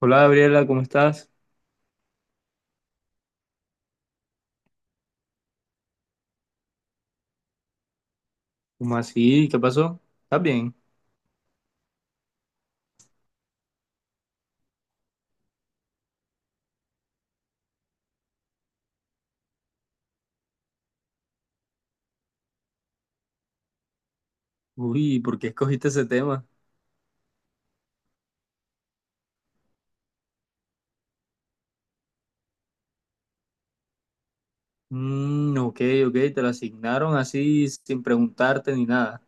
Hola Gabriela, ¿cómo estás? ¿Cómo así? ¿Qué pasó? ¿Estás bien? Uy, ¿por qué escogiste ese tema? Mm, ok, ok, te lo asignaron así sin preguntarte ni nada.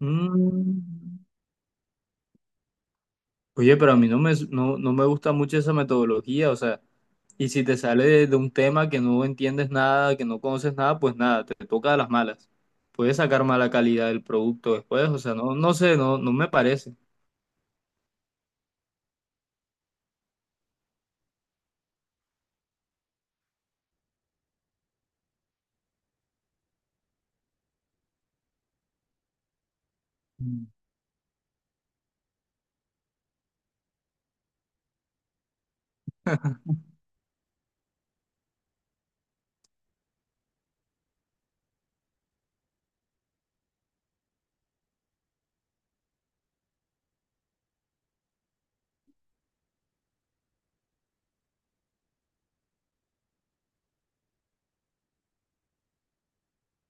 Mm. Oye, pero a mí no me gusta mucho esa metodología, o sea, y si te sale de un tema que no entiendes nada, que no conoces nada, pues nada, te toca a las malas. Puedes sacar mala calidad del producto después, o sea, no, no sé, no, no me parece. Mm.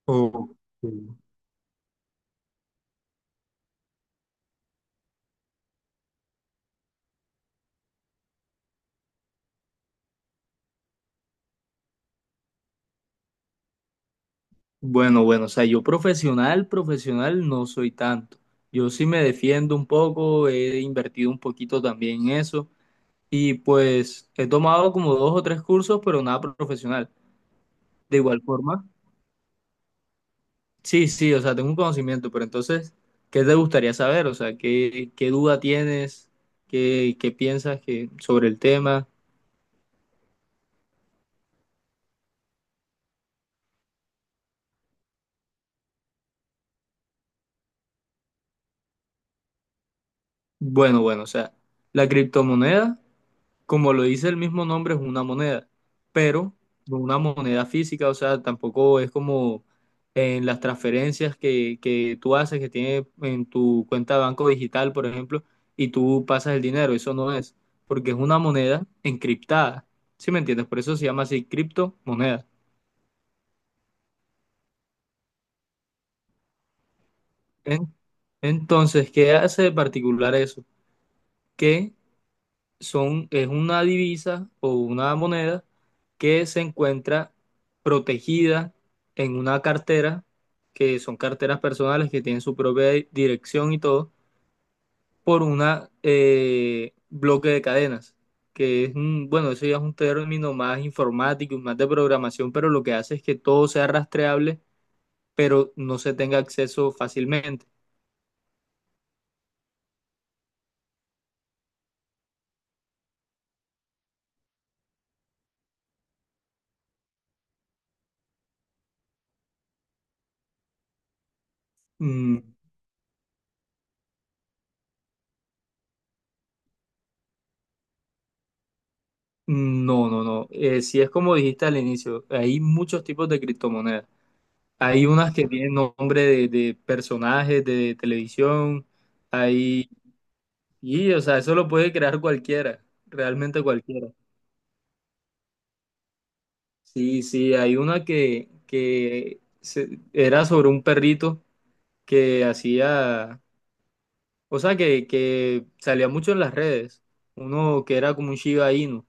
Ok. Bueno, bueno, o sea, yo profesional, profesional no soy tanto. Yo sí me defiendo un poco, he invertido un poquito también en eso y pues he tomado como dos o tres cursos, pero nada profesional. De igual forma, sí, sí, o sea, tengo un conocimiento, pero entonces, ¿qué te gustaría saber? O sea, ¿qué duda tienes? ¿Qué piensas sobre el tema? Bueno, bueno, o sea, la criptomoneda, como lo dice el mismo nombre, es una moneda, pero no una moneda física. O sea, tampoco es como en las transferencias que tú haces, que tiene en tu cuenta de banco digital, por ejemplo, y tú pasas el dinero. Eso no es, porque es una moneda encriptada, ¿sí me entiendes? Por eso se llama así, criptomoneda. En- Entonces, ¿qué hace de particular eso? Que es una divisa o una moneda que se encuentra protegida en una cartera, que son carteras personales que tienen su propia dirección y todo, por una bloque de cadenas, que es, bueno, eso ya es un término más informático y más de programación, pero lo que hace es que todo sea rastreable, pero no se tenga acceso fácilmente. Mm. No, no, no. Si es como dijiste al inicio, hay muchos tipos de criptomonedas. Hay unas que tienen nombre de personajes de televisión. Hay, y, o sea, eso lo puede crear cualquiera, realmente cualquiera. Sí, sí, hay una que era sobre un perrito que hacía, o sea, que salía mucho en las redes. Uno que era como un Shiba Inu.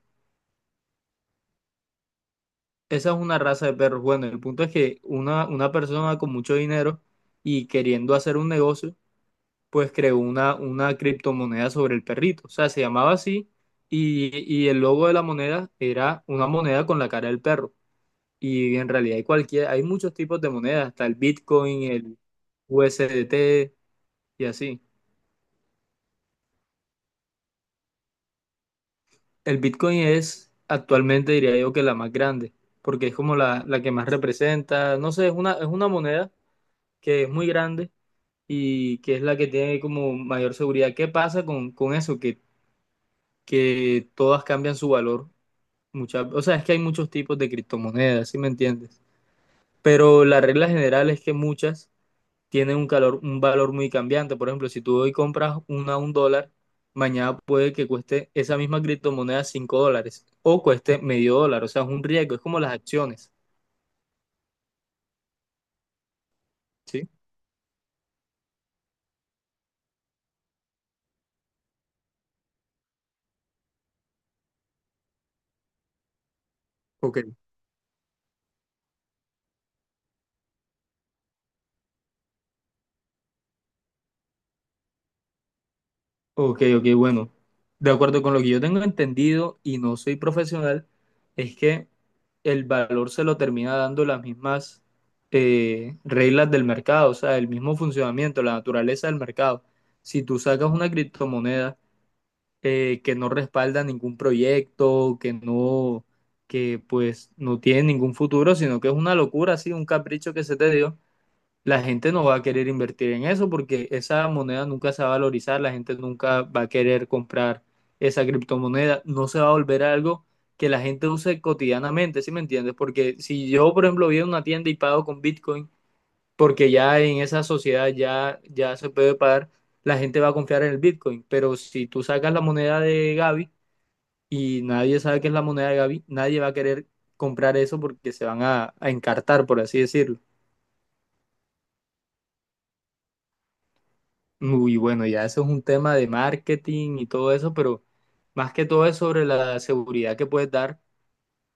Esa es una raza de perros. Bueno, el punto es que una persona con mucho dinero y queriendo hacer un negocio pues creó una criptomoneda sobre el perrito. O sea, se llamaba así, y, y el logo de la moneda era una moneda con la cara del perro. Y en realidad hay cualquier, hay muchos tipos de monedas, hasta el Bitcoin, el USDT y así. El Bitcoin es actualmente, diría yo, que la más grande, porque es como la que más representa. No sé, es una moneda que es muy grande y que es la que tiene como mayor seguridad. ¿Qué pasa con eso? Que todas cambian su valor. Muchas, o sea, es que hay muchos tipos de criptomonedas, ¿sí me entiendes? Pero la regla general es que muchas tienen un calor, un valor muy cambiante. Por ejemplo, si tú hoy compras una a un dólar, mañana puede que cueste esa misma criptomoneda cinco dólares o cueste medio dólar. O sea, es un riesgo, es como las acciones, ¿sí? Ok. Ok, ok, bueno. De acuerdo con lo que yo tengo entendido, y no soy profesional, es que el valor se lo termina dando las mismas reglas del mercado, o sea, el mismo funcionamiento, la naturaleza del mercado. Si tú sacas una criptomoneda que no respalda ningún proyecto, que pues no tiene ningún futuro, sino que es una locura, así, un capricho que se te dio, la gente no va a querer invertir en eso porque esa moneda nunca se va a valorizar, la gente nunca va a querer comprar esa criptomoneda, no se va a volver algo que la gente use cotidianamente, ¿sí me entiendes? Porque si yo, por ejemplo, voy a una tienda y pago con Bitcoin, porque ya en esa sociedad ya, ya se puede pagar, la gente va a confiar en el Bitcoin, pero si tú sacas la moneda de Gaby y nadie sabe qué es la moneda de Gaby, nadie va a querer comprar eso porque se van a encartar, por así decirlo. Muy bueno, ya eso es un tema de marketing y todo eso, pero más que todo es sobre la seguridad que puedes dar,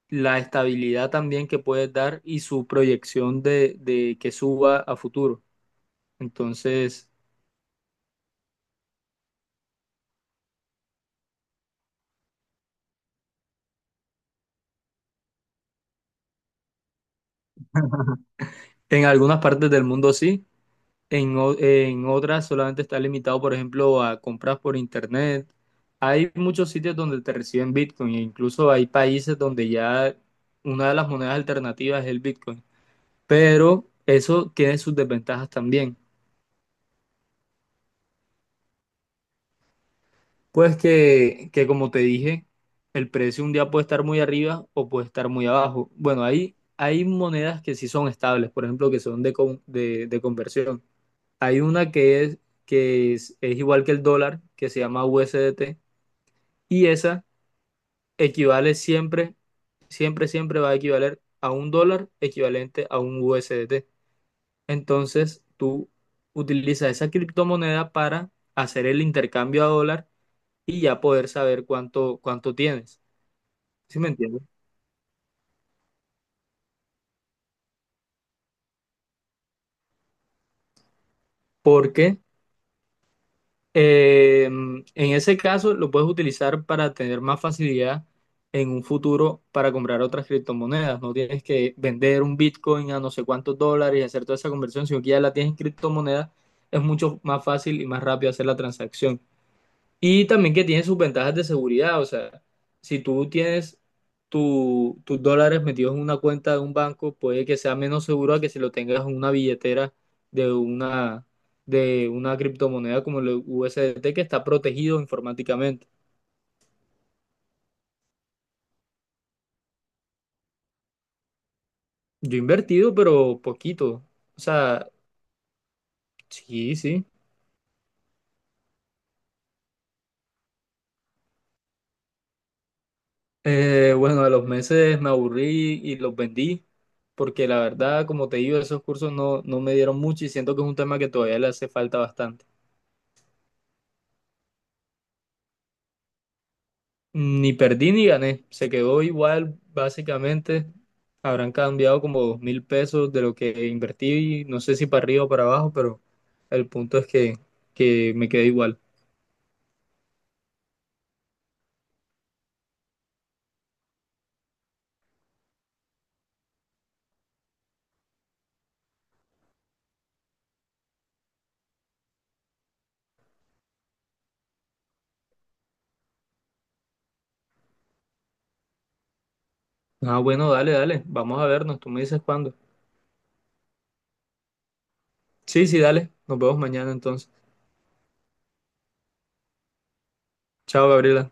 la estabilidad también que puedes dar y su proyección de que suba a futuro. Entonces, en algunas partes del mundo sí, en otras solamente está limitado, por ejemplo, a compras por internet. Hay muchos sitios donde te reciben Bitcoin, e incluso hay países donde ya una de las monedas alternativas es el Bitcoin, pero eso tiene sus desventajas también. Pues que como te dije, el precio un día puede estar muy arriba o puede estar muy abajo. Bueno, hay monedas que sí son estables, por ejemplo, que son de conversión. Hay una que es igual que el dólar, que se llama USDT, y esa equivale siempre, siempre, siempre. Va a equivaler a un dólar equivalente a un USDT. Entonces, tú utilizas esa criptomoneda para hacer el intercambio a dólar y ya poder saber cuánto tienes. ¿Sí me entiendes? Porque en ese caso lo puedes utilizar para tener más facilidad en un futuro para comprar otras criptomonedas. No tienes que vender un Bitcoin a no sé cuántos dólares y hacer toda esa conversión, sino que ya la tienes en criptomonedas. Es mucho más fácil y más rápido hacer la transacción. Y también que tiene sus ventajas de seguridad, o sea, si tú tienes tus dólares metidos en una cuenta de un banco, puede que sea menos seguro a que si lo tengas en una billetera de una, de una criptomoneda como el USDT, que está protegido informáticamente. Yo he invertido, pero poquito. O sea, sí, sí. Bueno, a los meses me aburrí y los vendí, porque la verdad, como te digo, esos cursos no me dieron mucho y siento que es un tema que todavía le hace falta bastante. Ni perdí ni gané, se quedó igual básicamente. Habrán cambiado como 2.000 pesos de lo que invertí, no sé si para arriba o para abajo, pero el punto es que me quedé igual. Ah, bueno, dale, dale, vamos a vernos, tú me dices cuándo. Sí, sí, dale, nos vemos mañana entonces. Chao, Gabriela.